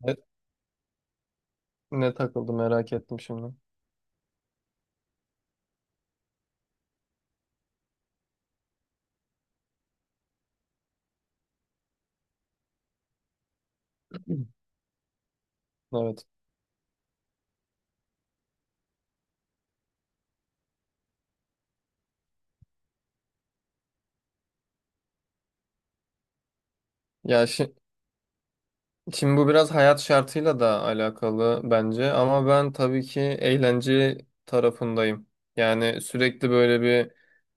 Ne, ne takıldı merak ettim şimdi. Evet. Ya şi- Şimdi bu biraz hayat şartıyla da alakalı bence ama ben tabii ki eğlence tarafındayım. Yani, sürekli böyle bir,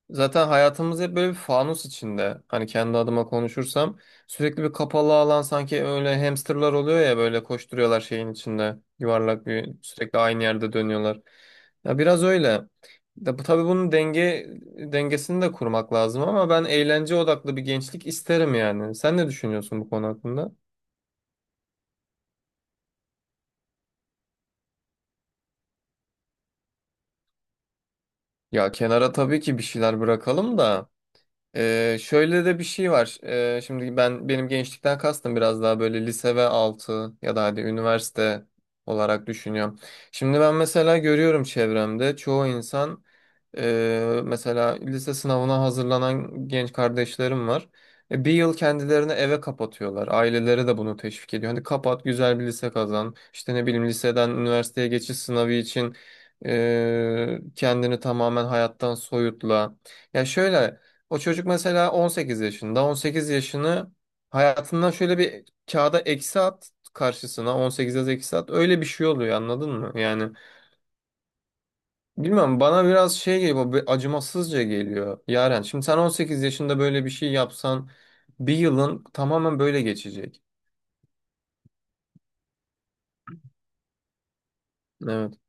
zaten hayatımız hep böyle bir fanus içinde. Hani kendi adıma konuşursam sürekli bir kapalı alan, sanki öyle hamsterlar oluyor ya, böyle koşturuyorlar şeyin içinde. Yuvarlak bir, sürekli aynı yerde dönüyorlar. Ya biraz öyle, da bu tabii bunun dengesini de kurmak lazım ama ben eğlence odaklı bir gençlik isterim yani. Sen ne düşünüyorsun bu konu hakkında? Ya kenara tabii ki bir şeyler bırakalım da. Şöyle de bir şey var. Şimdi benim gençlikten kastım biraz daha böyle lise ve altı ya da hadi üniversite olarak düşünüyorum. Şimdi ben mesela görüyorum, çevremde çoğu insan, mesela lise sınavına hazırlanan genç kardeşlerim var. Bir yıl kendilerini eve kapatıyorlar. Aileleri de bunu teşvik ediyor. Hani kapat, güzel bir lise kazan. İşte ne bileyim, liseden üniversiteye geçiş sınavı için kendini tamamen hayattan soyutla. Ya şöyle. O çocuk mesela 18 yaşında. 18 yaşını hayatından şöyle bir, kağıda eksi at, karşısına 18 yaz, eksi at. Öyle bir şey oluyor, anladın mı? Yani bilmiyorum, bana biraz şey geliyor, bir acımasızca geliyor. Yaren, şimdi sen 18 yaşında böyle bir şey yapsan bir yılın tamamen böyle geçecek. Evet.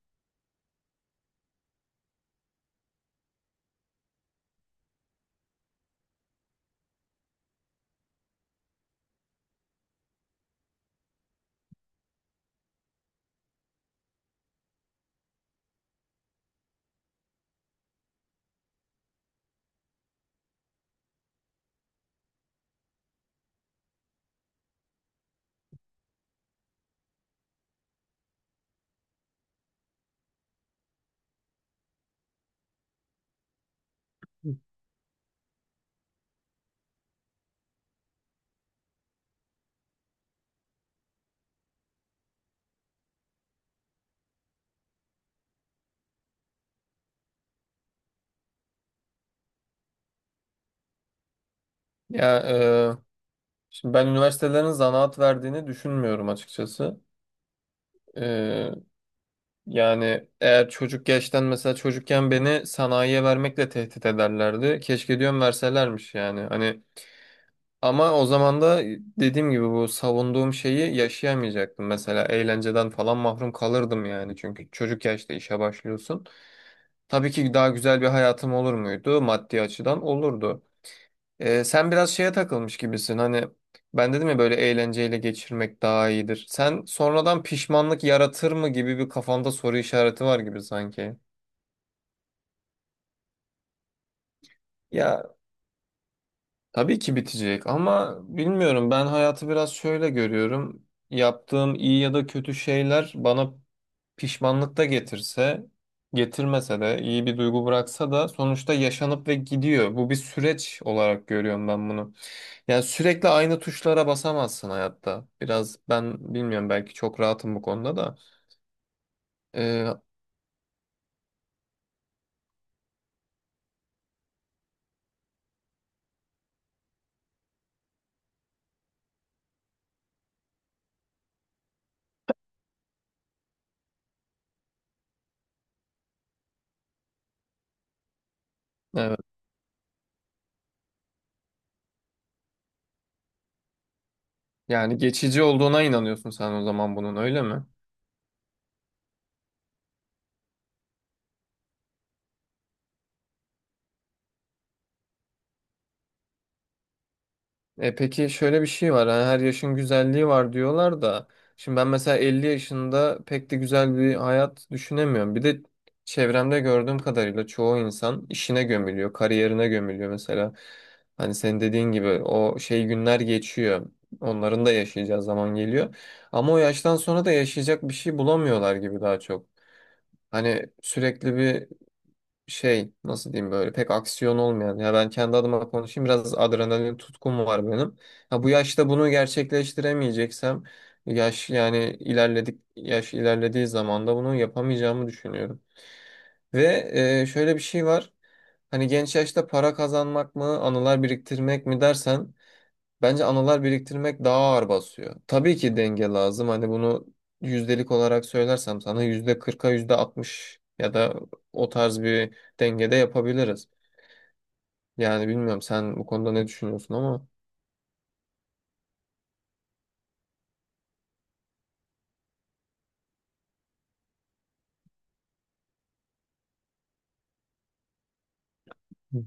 Ya şimdi ben üniversitelerin zanaat verdiğini düşünmüyorum açıkçası. E, Yani eğer çocuk yaştan, mesela çocukken beni sanayiye vermekle tehdit ederlerdi. Keşke diyorum verselermiş yani. Hani ama o zaman da dediğim gibi bu savunduğum şeyi yaşayamayacaktım. Mesela eğlenceden falan mahrum kalırdım yani. Çünkü çocuk yaşta işe başlıyorsun. Tabii ki daha güzel bir hayatım olur muydu? Maddi açıdan olurdu. Sen biraz şeye takılmış gibisin. Hani ben dedim ya, böyle eğlenceyle geçirmek daha iyidir. Sen, sonradan pişmanlık yaratır mı gibi, bir kafanda soru işareti var gibi sanki. Ya tabii ki bitecek ama bilmiyorum, ben hayatı biraz şöyle görüyorum. Yaptığım iyi ya da kötü şeyler bana pişmanlık da getirse, getirmese de, iyi bir duygu bıraksa da sonuçta yaşanıp ve gidiyor. Bu, bir süreç olarak görüyorum ben bunu. Yani sürekli aynı tuşlara basamazsın hayatta. Biraz, ben bilmiyorum, belki çok rahatım bu konuda da. Ee, evet. Yani geçici olduğuna inanıyorsun sen o zaman bunun, öyle mi? E peki, şöyle bir şey var. Hani her yaşın güzelliği var diyorlar da. Şimdi ben mesela 50 yaşında pek de güzel bir hayat düşünemiyorum. Bir de çevremde gördüğüm kadarıyla çoğu insan işine gömülüyor, kariyerine gömülüyor mesela. Hani senin dediğin gibi, o şey, günler geçiyor. Onların da yaşayacağı zaman geliyor. Ama o yaştan sonra da yaşayacak bir şey bulamıyorlar gibi daha çok. Hani sürekli bir şey, nasıl diyeyim, böyle pek aksiyon olmayan, ya ben kendi adıma konuşayım, biraz adrenalin tutkum var benim. Ha bu yaşta bunu gerçekleştiremeyeceksem, yaş, yani ilerledik, yaş ilerlediği zaman da bunu yapamayacağımı düşünüyorum. Ve şöyle bir şey var. Hani genç yaşta para kazanmak mı, anılar biriktirmek mi dersen, bence anılar biriktirmek daha ağır basıyor. Tabii ki denge lazım. Hani bunu yüzdelik olarak söylersem sana, %40'a yüzde altmış ya da o tarz bir dengede yapabiliriz. Yani bilmiyorum, sen bu konuda ne düşünüyorsun ama. Hı.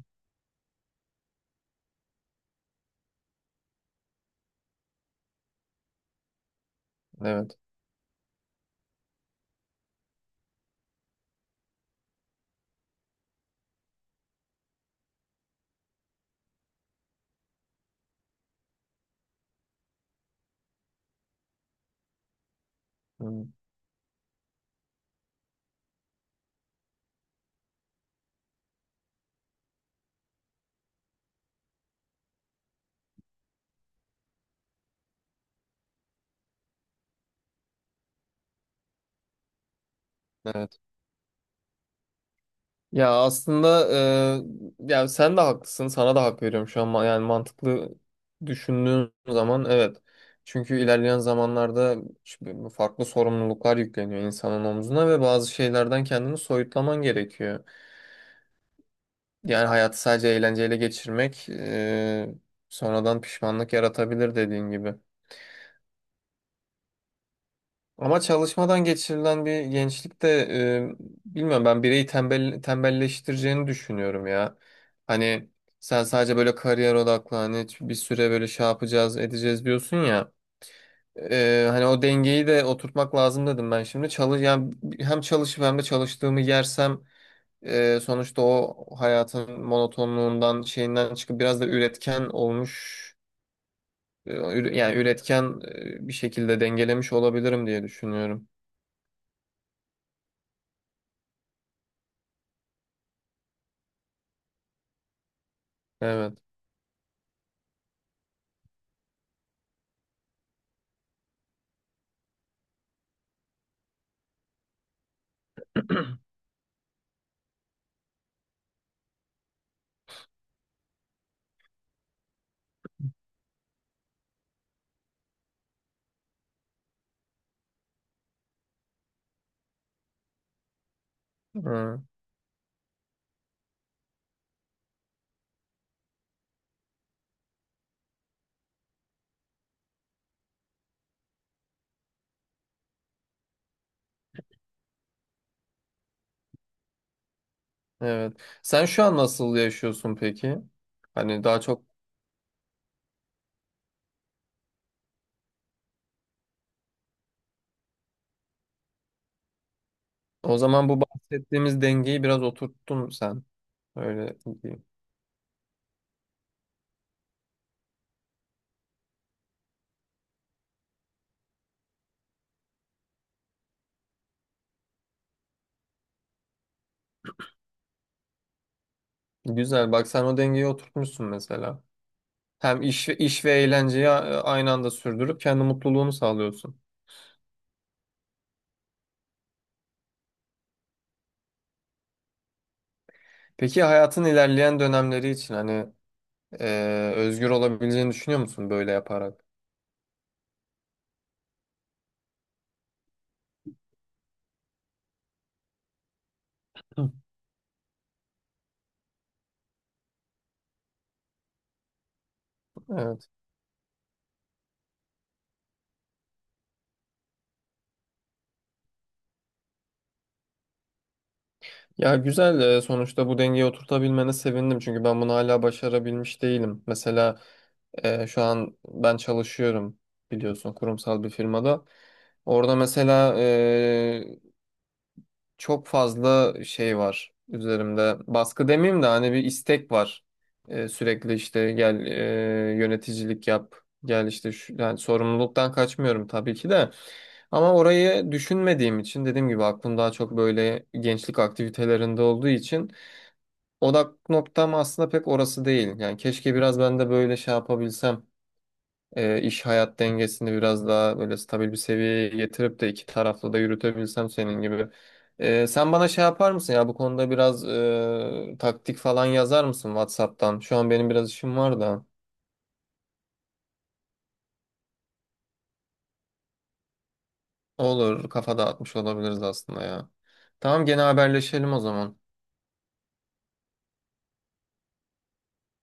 Evet. Hı. Evet. Ya aslında ya sen de haklısın. Sana da hak veriyorum şu an. Yani mantıklı düşündüğün zaman evet. Çünkü ilerleyen zamanlarda şimdi farklı sorumluluklar yükleniyor insanın omzuna ve bazı şeylerden kendini soyutlaman gerekiyor. Yani hayatı sadece eğlenceyle geçirmek sonradan pişmanlık yaratabilir, dediğin gibi. Ama çalışmadan geçirilen bir gençlik de bilmiyorum, ben bireyi tembelleştireceğini düşünüyorum ya. Hani sen sadece böyle kariyer odaklı, hani bir süre böyle şey yapacağız edeceğiz diyorsun ya. Hani o dengeyi de oturtmak lazım dedim ben şimdi. Çalış, yani hem çalışıp hem de çalıştığımı yersem sonuçta o hayatın monotonluğundan, şeyinden çıkıp biraz da üretken olmuş, yani üretken, bir şekilde dengelemiş olabilirim diye düşünüyorum. Evet. Hı, evet. Sen şu an nasıl yaşıyorsun peki? Hani daha çok, o zaman bu bahsettiğimiz dengeyi biraz oturttun sen. Öyle diyeyim. Güzel. Bak sen o dengeyi oturtmuşsun mesela. Hem iş ve eğlenceyi aynı anda sürdürüp kendi mutluluğunu sağlıyorsun. Peki hayatın ilerleyen dönemleri için hani e, özgür olabileceğini düşünüyor musun böyle yaparak? Hı. Evet. Ya güzel, sonuçta bu dengeyi oturtabilmene sevindim çünkü ben bunu hala başarabilmiş değilim. Mesela şu an ben çalışıyorum, biliyorsun, kurumsal bir firmada. Orada mesela çok fazla şey var üzerimde. Baskı demeyeyim de hani bir istek var. Sürekli işte, gel yöneticilik yap. Gel işte şu, yani sorumluluktan kaçmıyorum tabii ki de. Ama orayı düşünmediğim için, dediğim gibi, aklım daha çok böyle gençlik aktivitelerinde olduğu için odak noktam aslında pek orası değil. Yani keşke biraz ben de böyle şey yapabilsem, iş hayat dengesini biraz daha böyle stabil bir seviyeye getirip de iki taraflı da yürütebilsem senin gibi. Sen bana şey yapar mısın ya, bu konuda biraz taktik falan yazar mısın WhatsApp'tan? Şu an benim biraz işim var da. Olur, kafa dağıtmış olabiliriz aslında ya. Tamam, gene haberleşelim o zaman.